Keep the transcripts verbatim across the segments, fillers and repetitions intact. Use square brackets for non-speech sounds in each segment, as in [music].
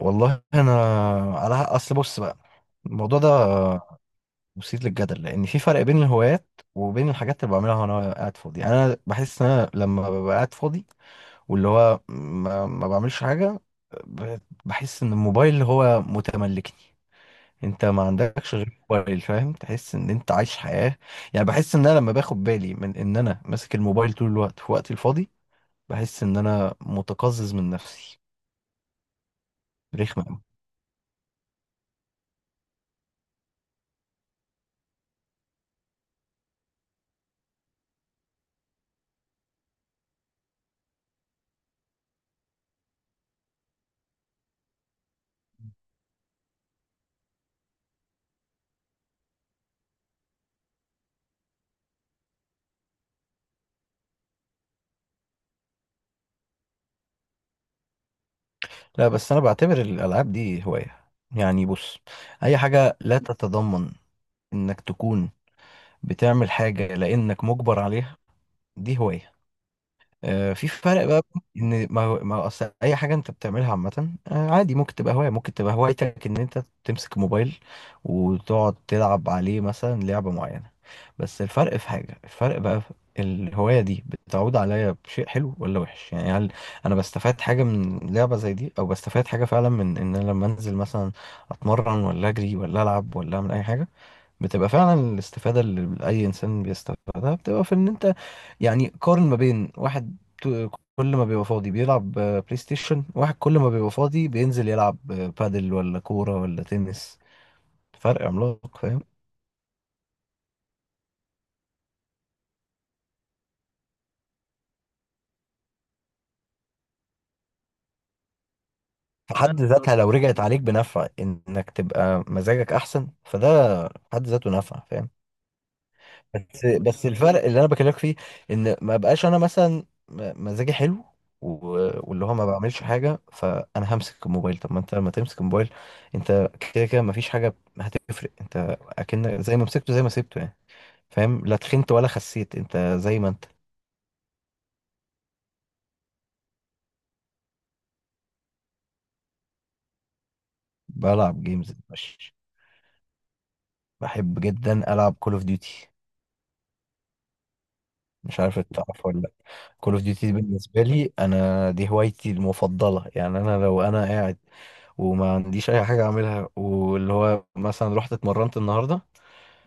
والله انا، على اصل بص بقى، الموضوع ده مثير للجدل لان في فرق بين الهوايات وبين الحاجات اللي بعملها وانا قاعد فاضي. يعني انا بحس ان انا لما ببقى قاعد فاضي واللي هو ما, ما بعملش حاجه، ب- بحس ان الموبايل هو متملكني. انت ما عندكش غير الموبايل، فاهم؟ تحس ان انت عايش حياه. يعني بحس ان انا لما باخد بالي من ان انا ماسك الموبايل طول الوقت في وقتي الفاضي، بحس ان انا متقزز من نفسي، رخمه. لا بس انا بعتبر الالعاب دي هوايه. يعني بص، اي حاجه لا تتضمن انك تكون بتعمل حاجه لانك مجبر عليها، دي هوايه. آه، في فرق بقى، ان ما هو- ما هو اصل اي حاجه انت بتعملها عامه، آه، عادي، ممكن تبقى هوايه، ممكن تبقى هوايتك ان انت تمسك موبايل وتقعد تلعب عليه مثلا لعبه معينه. بس الفرق في حاجه، الفرق بقى في الهوايه دي بتعود عليا بشيء حلو ولا وحش. يعني هل انا بستفاد حاجه من لعبه زي دي، او بستفاد حاجه فعلا من ان انا لما انزل مثلا اتمرن ولا اجري ولا العب ولا اعمل اي حاجه؟ بتبقى فعلا الاستفادة اللي أي إنسان بيستفادها بتبقى في إن أنت، يعني قارن ما بين واحد تو- كل ما بيبقى فاضي بيلعب، آه، بلاي ستيشن، واحد كل ما بيبقى فاضي بينزل يلعب آه، بادل ولا كورة ولا تنس. فرق عملاق، فاهم؟ في حد بالظبط ذاتها، لو رجعت عليك بنفع إنك تبقى مزاجك أحسن فده في حد ذاته نفع، فاهم؟ بس بس الفرق اللي انا بكلمك فيه، ان ما بقاش انا مثلا م- مزاجي حلو و- واللي هو ما بعملش حاجه، فانا همسك الموبايل. طب ما انت لما تمسك الموبايل، انت كده كده ما فيش حاجه هتفرق. انت اكن زي ما مسكته زي ما سبته يعني، فاهم؟ لا تخنت ولا خسيت، انت زي ما انت. بلعب جيمز ماشي. بحب جدا العب كول اوف ديوتي، مش عارف انت تعرف ولا لا. كول اوف ديوتي بالنسبه لي انا دي هوايتي المفضله. يعني انا لو انا قاعد وما عنديش اي حاجه اعملها، واللي هو مثلا رحت اتمرنت النهارده،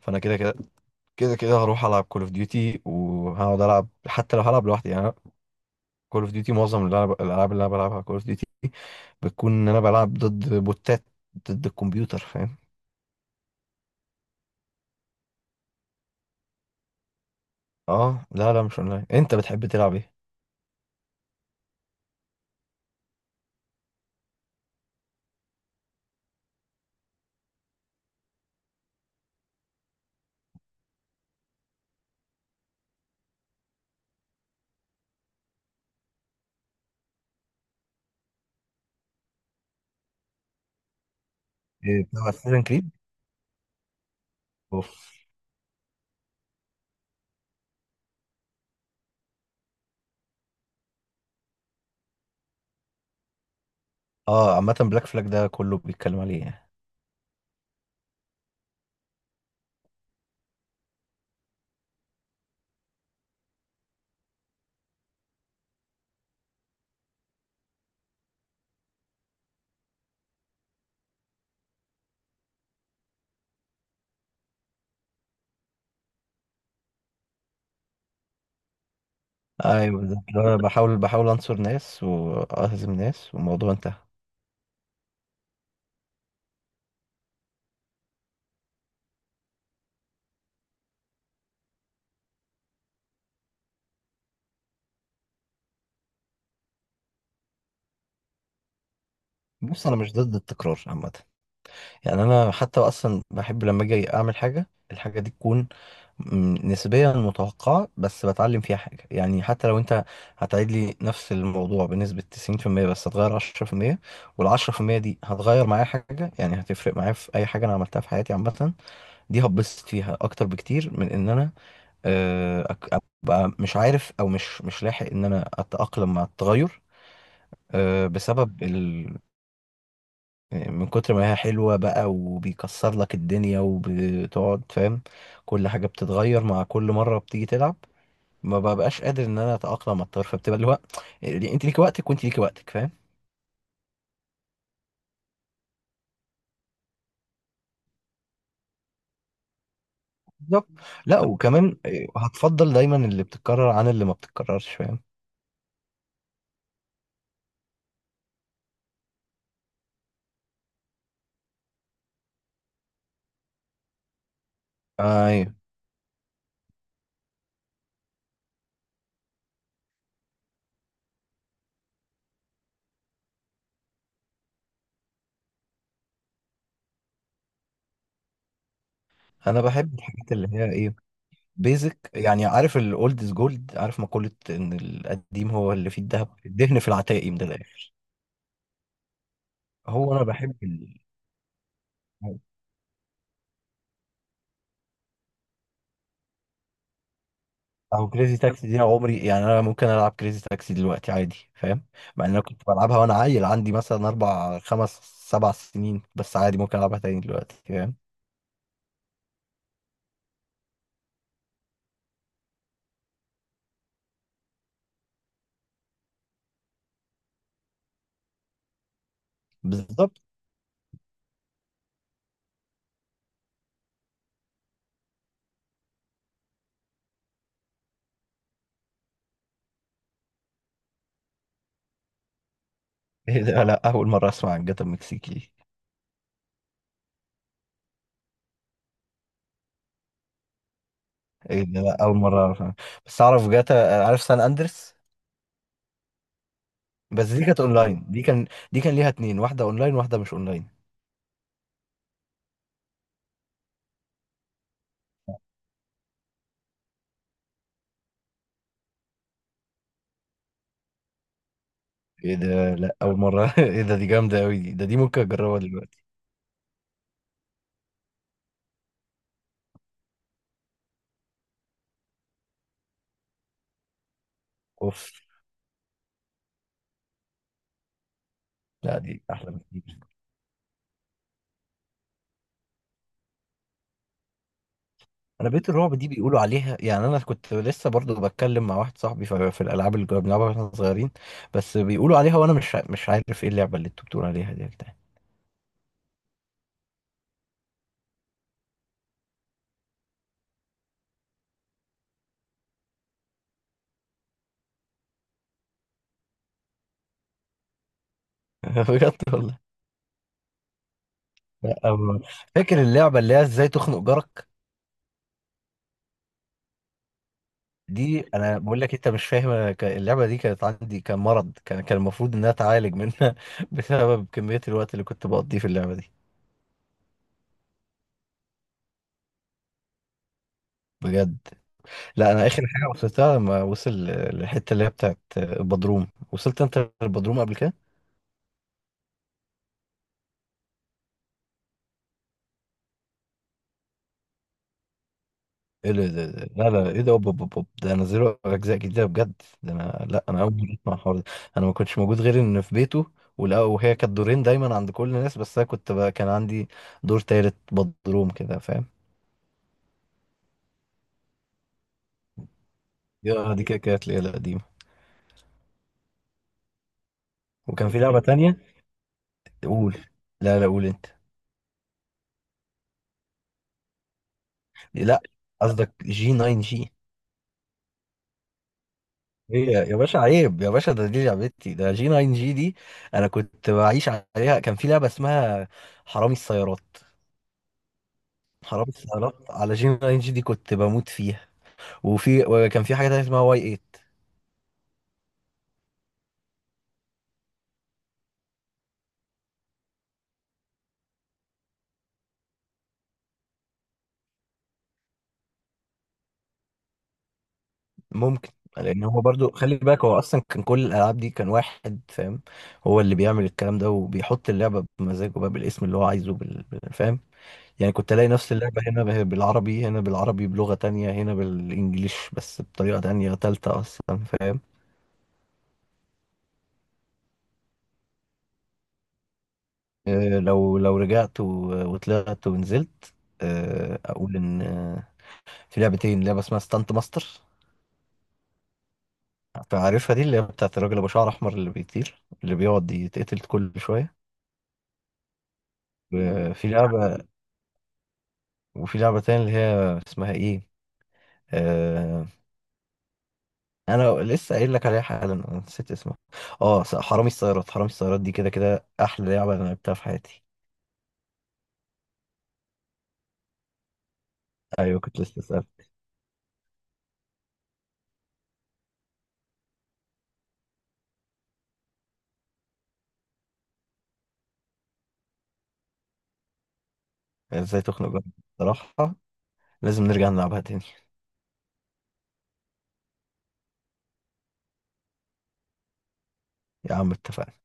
فانا كده كده كده كده هروح العب كول اوف ديوتي وهقعد العب حتى لو هلعب لوحدي يعني. كول اوف ديوتي، معظم الألعاب، الألعاب اللي انا بلعبها كول اوف ديوتي، بتكون ان انا بلعب ضد بوتات، ضد الكمبيوتر، فاهم؟ اه لا لا، مش اونلاين. انت بتحب تلعب ايه؟ إيه، بتلعب اساسن كريد؟ اوف. اه، عامة بلاك فلاج ده كله بيتكلم عليه يعني. ايوه بالظبط، انا بحاول بحاول انصر ناس واهزم ناس والموضوع انتهى. بص انا مش ضد التكرار عامة. يعني انا حتى اصلا بحب لما اجي اعمل حاجه الحاجه دي تكون م- نسبيا متوقعه بس بتعلم فيها حاجه. يعني حتى لو انت هتعيد لي نفس الموضوع بنسبه تسعين بالمية بس هتغير عشرة بالمية، وال عشرة بالمية دي هتغير معايا حاجه يعني، هتفرق معايا في اي حاجه انا عملتها في حياتي عامه. دي هتبسط فيها اكتر بكتير من ان انا، آه، أك- ابقى مش عارف، او مش مش لاحق ان انا اتاقلم مع التغير. آه، بسبب من كتر ما هي حلوة بقى وبيكسر لك الدنيا وبتقعد، فاهم؟ كل حاجة بتتغير مع كل مرة بتيجي تلعب، ما ببقاش قادر ان انا اتأقلم على الطرف. فبتبقى اللي هو انت ليك وقتك وانت ليك وقتك، فاهم؟ بالظبط. لا وكمان، هتفضل دايما اللي بتتكرر عن اللي ما بتتكررش، فاهم؟ ايوه. انا بحب الحاجات اللي هي ايه، بيزك. يعني عارف الاولد از جولد، عارف مقولة ان القديم هو اللي فيه الذهب، الدهن في العتاقي من الاخر. هو انا بحب ال... او كريزي تاكسي دي انا عمري، يعني انا ممكن العب كريزي تاكسي دلوقتي عادي، فاهم؟ مع ان انا كنت بلعبها وانا عيل عندي مثلا اربع خمس سبع سنين، بس عادي ممكن العبها تاني دلوقتي، فاهم؟ بالظبط. [laughs] ايه ده، لا اول مره اسمع عن جاتا المكسيكي دي. ايه ده، لا اول مره اعرف عنها. بس اعرف جاتا، عارف سان اندرس. بس دي كانت اونلاين، دي كان دي كان ليها اتنين، واحده اونلاين واحده مش اونلاين. ايه ده، لا اول مره. [laughs] ايه ده، دي جامده قوي دي، ده دي ممكن اجربها دلوقتي. اوف. لا دي احلى بكتير. انا بيت الرعب دي بيقولوا عليها، يعني انا كنت لسه برضو بتكلم مع واحد صاحبي في في الالعاب اللي كنا بنلعبها واحنا صغيرين، بس بيقولوا عليها وانا مش ع- مش عارف ايه اللعبه اللي انتوا بتقولوا عليها دي يا جدعان. [laughs] بجد والله. لا، أم- فاكر اللعبه اللي هي ازاي تخنق جارك؟ دي انا بقول لك انت مش فاهم، أنا ك- اللعبه دي كانت عندي كان مرض، كان كان المفروض انها اتعالج منها. [laughs] بسبب كميه الوقت اللي كنت بقضيه في اللعبه دي. بجد. لا انا اخر حاجه وصلتها لما وصل للحته اللي هي بتاعت البدروم. وصلت انت البدروم قبل كده؟ ايه ده، ده- ده- لا لا ايه ده، أوب أوب أوب أوب. ده نزلوا اجزاء جديده بجد؟ ده انا، لا انا اول مره اسمع الحوار ده. انا ما كنتش موجود غير ان في بيته، ولا وهي كانت دورين دايما عند كل الناس، بس انا كنت بقى كان عندي دور تالت بدروم كده، فاهم؟ يا دي كده كده الليله القديمه. وكان في لعبه تانية. قول. لا لا، قول انت. لا قصدك جي تسعة جي. ايه يا يا باشا، عيب يا باشا، ده دي لعبتي، ده جي تسعة جي دي، انا كنت بعيش عليها. كان في لعبه اسمها حرامي السيارات. حرام اتعرفت على جين ان جي دي، كنت بموت فيها. وفي، وكان في حاجه تانية اسمها واي تمانية. ممكن. لان هو برضو خلي بالك، هو اصلا كان كل الالعاب دي كان واحد، فاهم؟ هو اللي بيعمل الكلام ده وبيحط اللعبه بمزاجه بقى، بالاسم اللي هو عايزه بال... بال- فاهم؟ يعني كنت الاقي نفس اللعبه هنا به- بالعربي، هنا بالعربي بلغه تانية، هنا بالانجليش، بس بطريقه تانية تالتة اصلا، فاهم؟ آه، لو لو رجعت و- وطلعت ونزلت، آه، اقول ان آه، في لعبتين. لعبه اسمها ستانت ماستر، عارفها دي اللي هي بتاعت الراجل ابو شعر احمر اللي بيطير، اللي بيقعد يتقتل كل شويه. وفي لعبه وفي لعبه تانية اللي هي اسمها ايه، آه انا لسه قايل لك عليها حالا، أنا نسيت اسمها. اه، س- حرامي السيارات. حرامي السيارات دي كده كده احلى لعبه انا لعبتها في حياتي. ايوه كنت لسه اسال. ازاي تخنق جارك بصراحه، لازم نرجع نلعبها تاني. يا عم اتفقنا.